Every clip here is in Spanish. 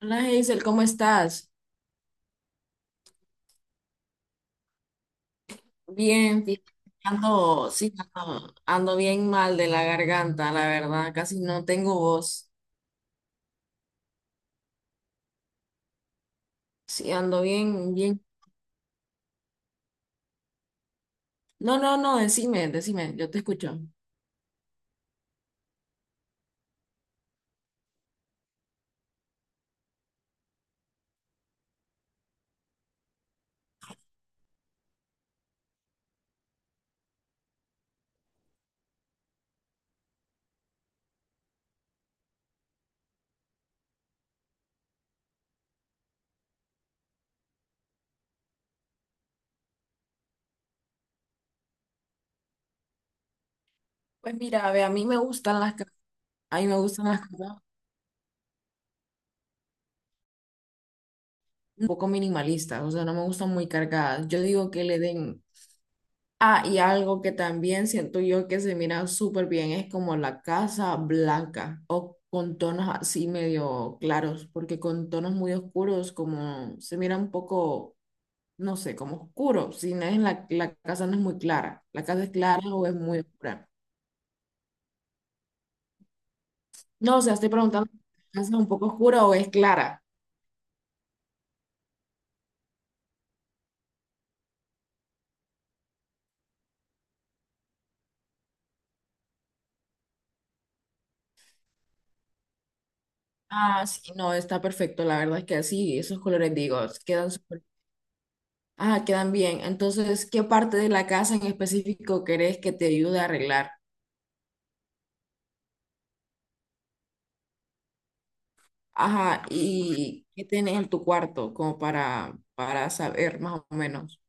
Hola Hazel, ¿cómo estás? Bien, ando, sí, ando bien mal de la garganta, la verdad, casi no tengo voz. Sí, ando bien, bien. No, no, no, decime, decime, yo te escucho. Pues mira, ve, a mí me gustan a mí me gustan las cosas un poco minimalistas, o sea, no me gustan muy cargadas. Yo digo que le den. Ah, y algo que también siento yo que se mira súper bien es como la casa blanca o con tonos así medio claros, porque con tonos muy oscuros como se mira un poco, no sé, como oscuro, si no es la casa no es muy clara, la casa es clara o es muy oscura. No, o sea, estoy preguntando, ¿la casa es un poco oscura o es clara? Ah, sí, no, está perfecto, la verdad es que sí, esos colores digo, quedan súper. Ah, quedan bien. Entonces, ¿qué parte de la casa en específico crees que te ayude a arreglar? Ajá, ¿y qué tenés en tu cuarto como para saber más o menos?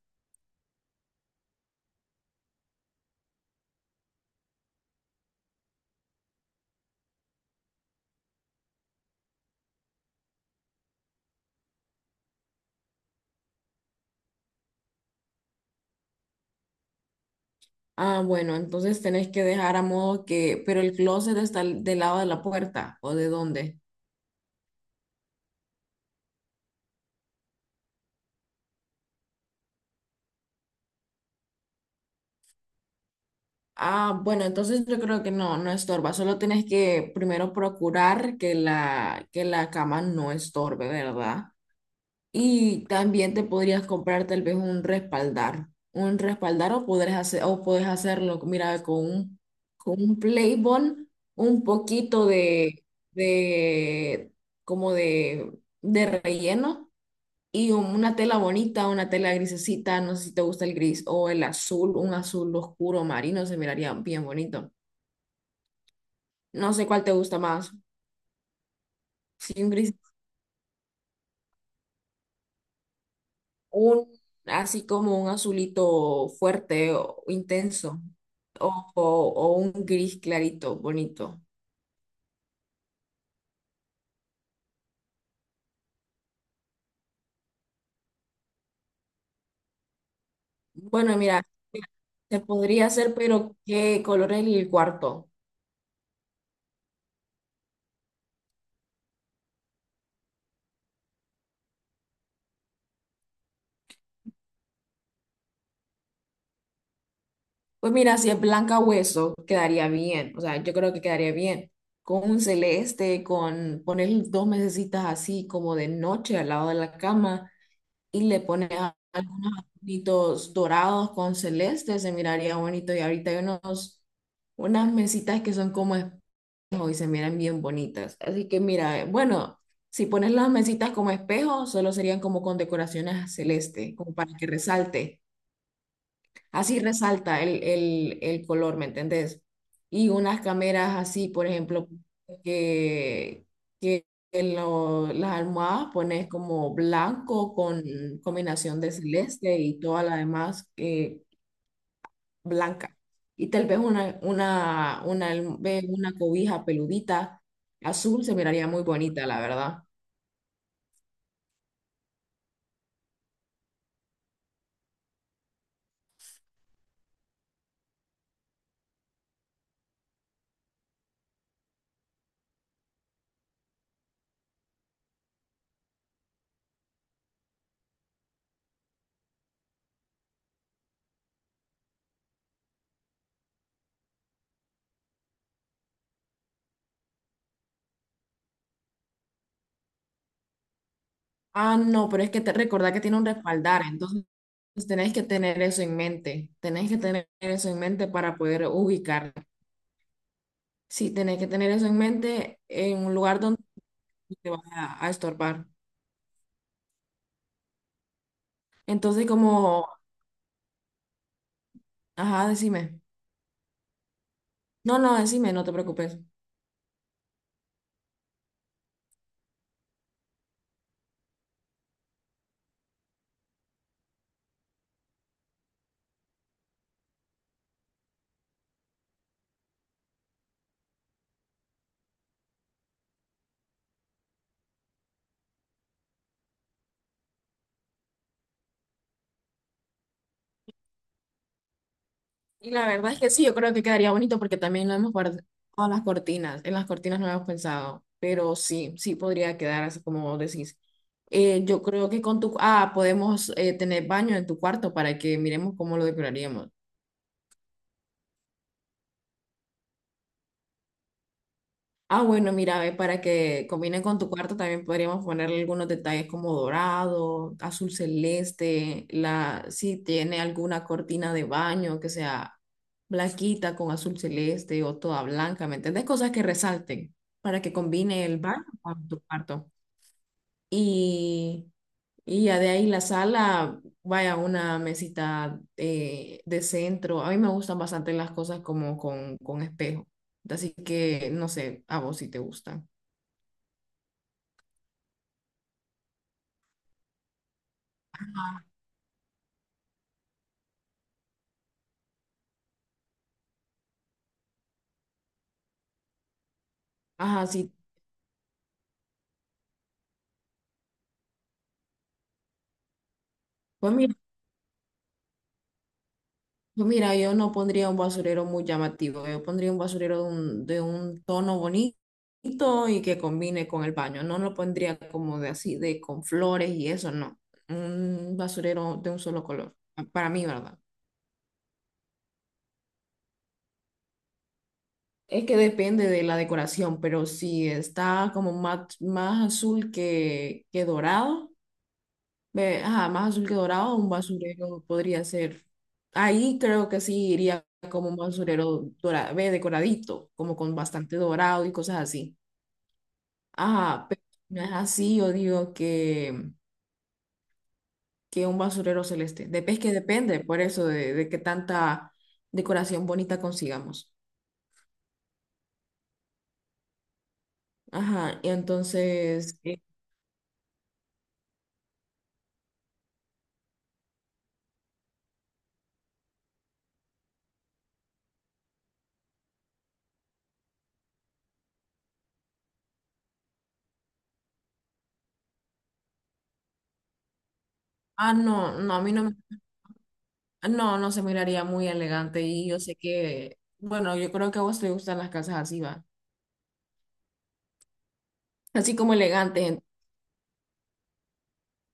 Ah, bueno, entonces tenés que dejar a modo que, pero el closet del lado de la puerta o de dónde. Ah, bueno, entonces yo creo que no, no estorba, solo tenés que primero procurar que que la cama no estorbe, ¿verdad? Y también te podrías comprar tal vez un respaldar. Un respaldar o podrías hacer, o puedes hacerlo, mira, con un Playbond, un poquito de de relleno y una tela bonita, una tela grisecita, no sé si te gusta el gris o el azul, un azul oscuro marino, se miraría bien bonito. No sé cuál te gusta más. Si un gris un así como un azulito fuerte o intenso o un gris clarito bonito. Bueno, mira, se podría hacer, pero ¿qué color es el cuarto? Pues mira, si es blanca hueso, quedaría bien. O sea, yo creo que quedaría bien. Con un celeste, con poner dos mesecitas así como de noche al lado de la cama y le pones algunos adornitos dorados con celeste, se miraría bonito. Y ahorita hay unos, unas mesitas que son como espejo y se miran bien bonitas. Así que mira, bueno, si pones las mesitas como espejo, solo serían como con decoraciones celeste, como para que resalte. Así resalta el color, ¿me entendés? Y unas cameras así, por ejemplo, que, que en las almohadas pones como blanco con combinación de celeste y toda la demás blanca. Y tal vez una, ve una cobija peludita azul se miraría muy bonita, la verdad. Ah, no, pero es que te recordá que tiene un respaldar, entonces tenés que tener eso en mente, tenés que tener eso en mente para poder ubicar. Sí, tenés que tener eso en mente en un lugar donde no te vas a estorbar. Entonces, como, ajá, decime. No, no, decime, no te preocupes. Y la verdad es que sí, yo creo que quedaría bonito porque también lo hemos guardado en las cortinas. En las cortinas no hemos pensado, pero sí, sí podría quedar así como vos decís. Yo creo que con tu… Ah, podemos tener baño en tu cuarto para que miremos cómo lo decoraríamos. Ah, bueno, mira, ve, para que combine con tu cuarto también podríamos ponerle algunos detalles como dorado, azul celeste, la, si tiene alguna cortina de baño que sea blanquita con azul celeste o toda blanca, ¿me entiendes? Cosas que resalten para que combine el baño con tu cuarto. Y, y ya de ahí la sala, vaya una mesita de centro. A mí me gustan bastante las cosas como con espejo. Así que no sé, a vos si te gustan. Ajá, sí. Pues mira, pues mira, yo no pondría un basurero muy llamativo. Yo pondría un basurero de un tono bonito y que combine con el baño. No lo pondría como de así, de con flores y eso, no. Un basurero de un solo color. Para mí, ¿verdad? Es que depende de la decoración, pero si está como más azul que dorado. Ve, ajá, más azul que dorado, un basurero podría ser. Ahí creo que sí iría como un basurero dorado, ve, decoradito, como con bastante dorado y cosas así. Ajá, pero si no es así, yo digo que un basurero celeste. De es que depende, por eso, de qué tanta decoración bonita consigamos. Ajá, y entonces, ah, no, no, a mí no, no, no se miraría muy elegante y yo sé que, bueno, yo creo que a vos te gustan las casas así, va así como elegantes.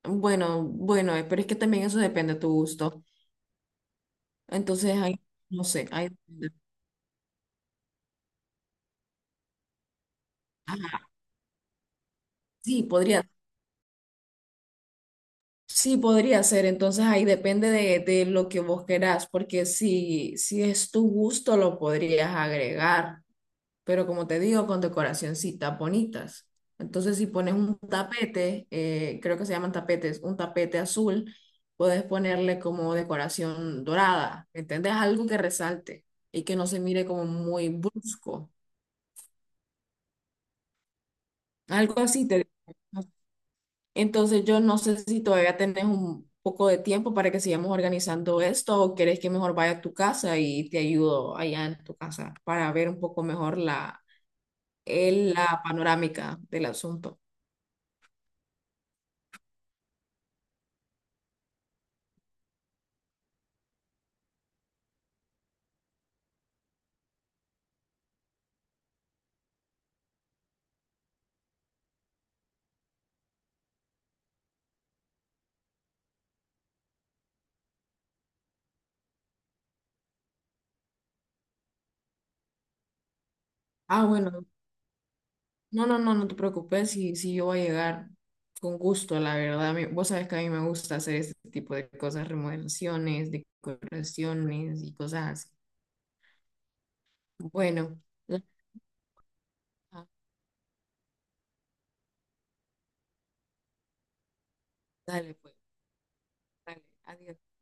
Bueno, bueno, pero es que también eso depende de tu gusto. Entonces, ahí, no sé, ahí depende. Ajá, sí, podría, sí, podría ser. Entonces, ahí depende de lo que vos querás, porque si, si es tu gusto, lo podrías agregar. Pero como te digo, con decoracioncitas bonitas. Entonces, si pones un tapete, creo que se llaman tapetes, un tapete azul, puedes ponerle como decoración dorada, ¿entendés? Algo que resalte y que no se mire como muy brusco. Algo así te digo. Entonces yo no sé si todavía tenés un poco de tiempo para que sigamos organizando esto o querés que mejor vaya a tu casa y te ayudo allá en tu casa para ver un poco mejor la, la panorámica del asunto. Ah, bueno, no, no, no, no te preocupes si, si yo voy a llegar con gusto, la verdad. Mi- Vos sabés que a mí me gusta hacer este tipo de cosas, remodelaciones, decoraciones y cosas así. Bueno, la- ah, dale pues, dale, adiós.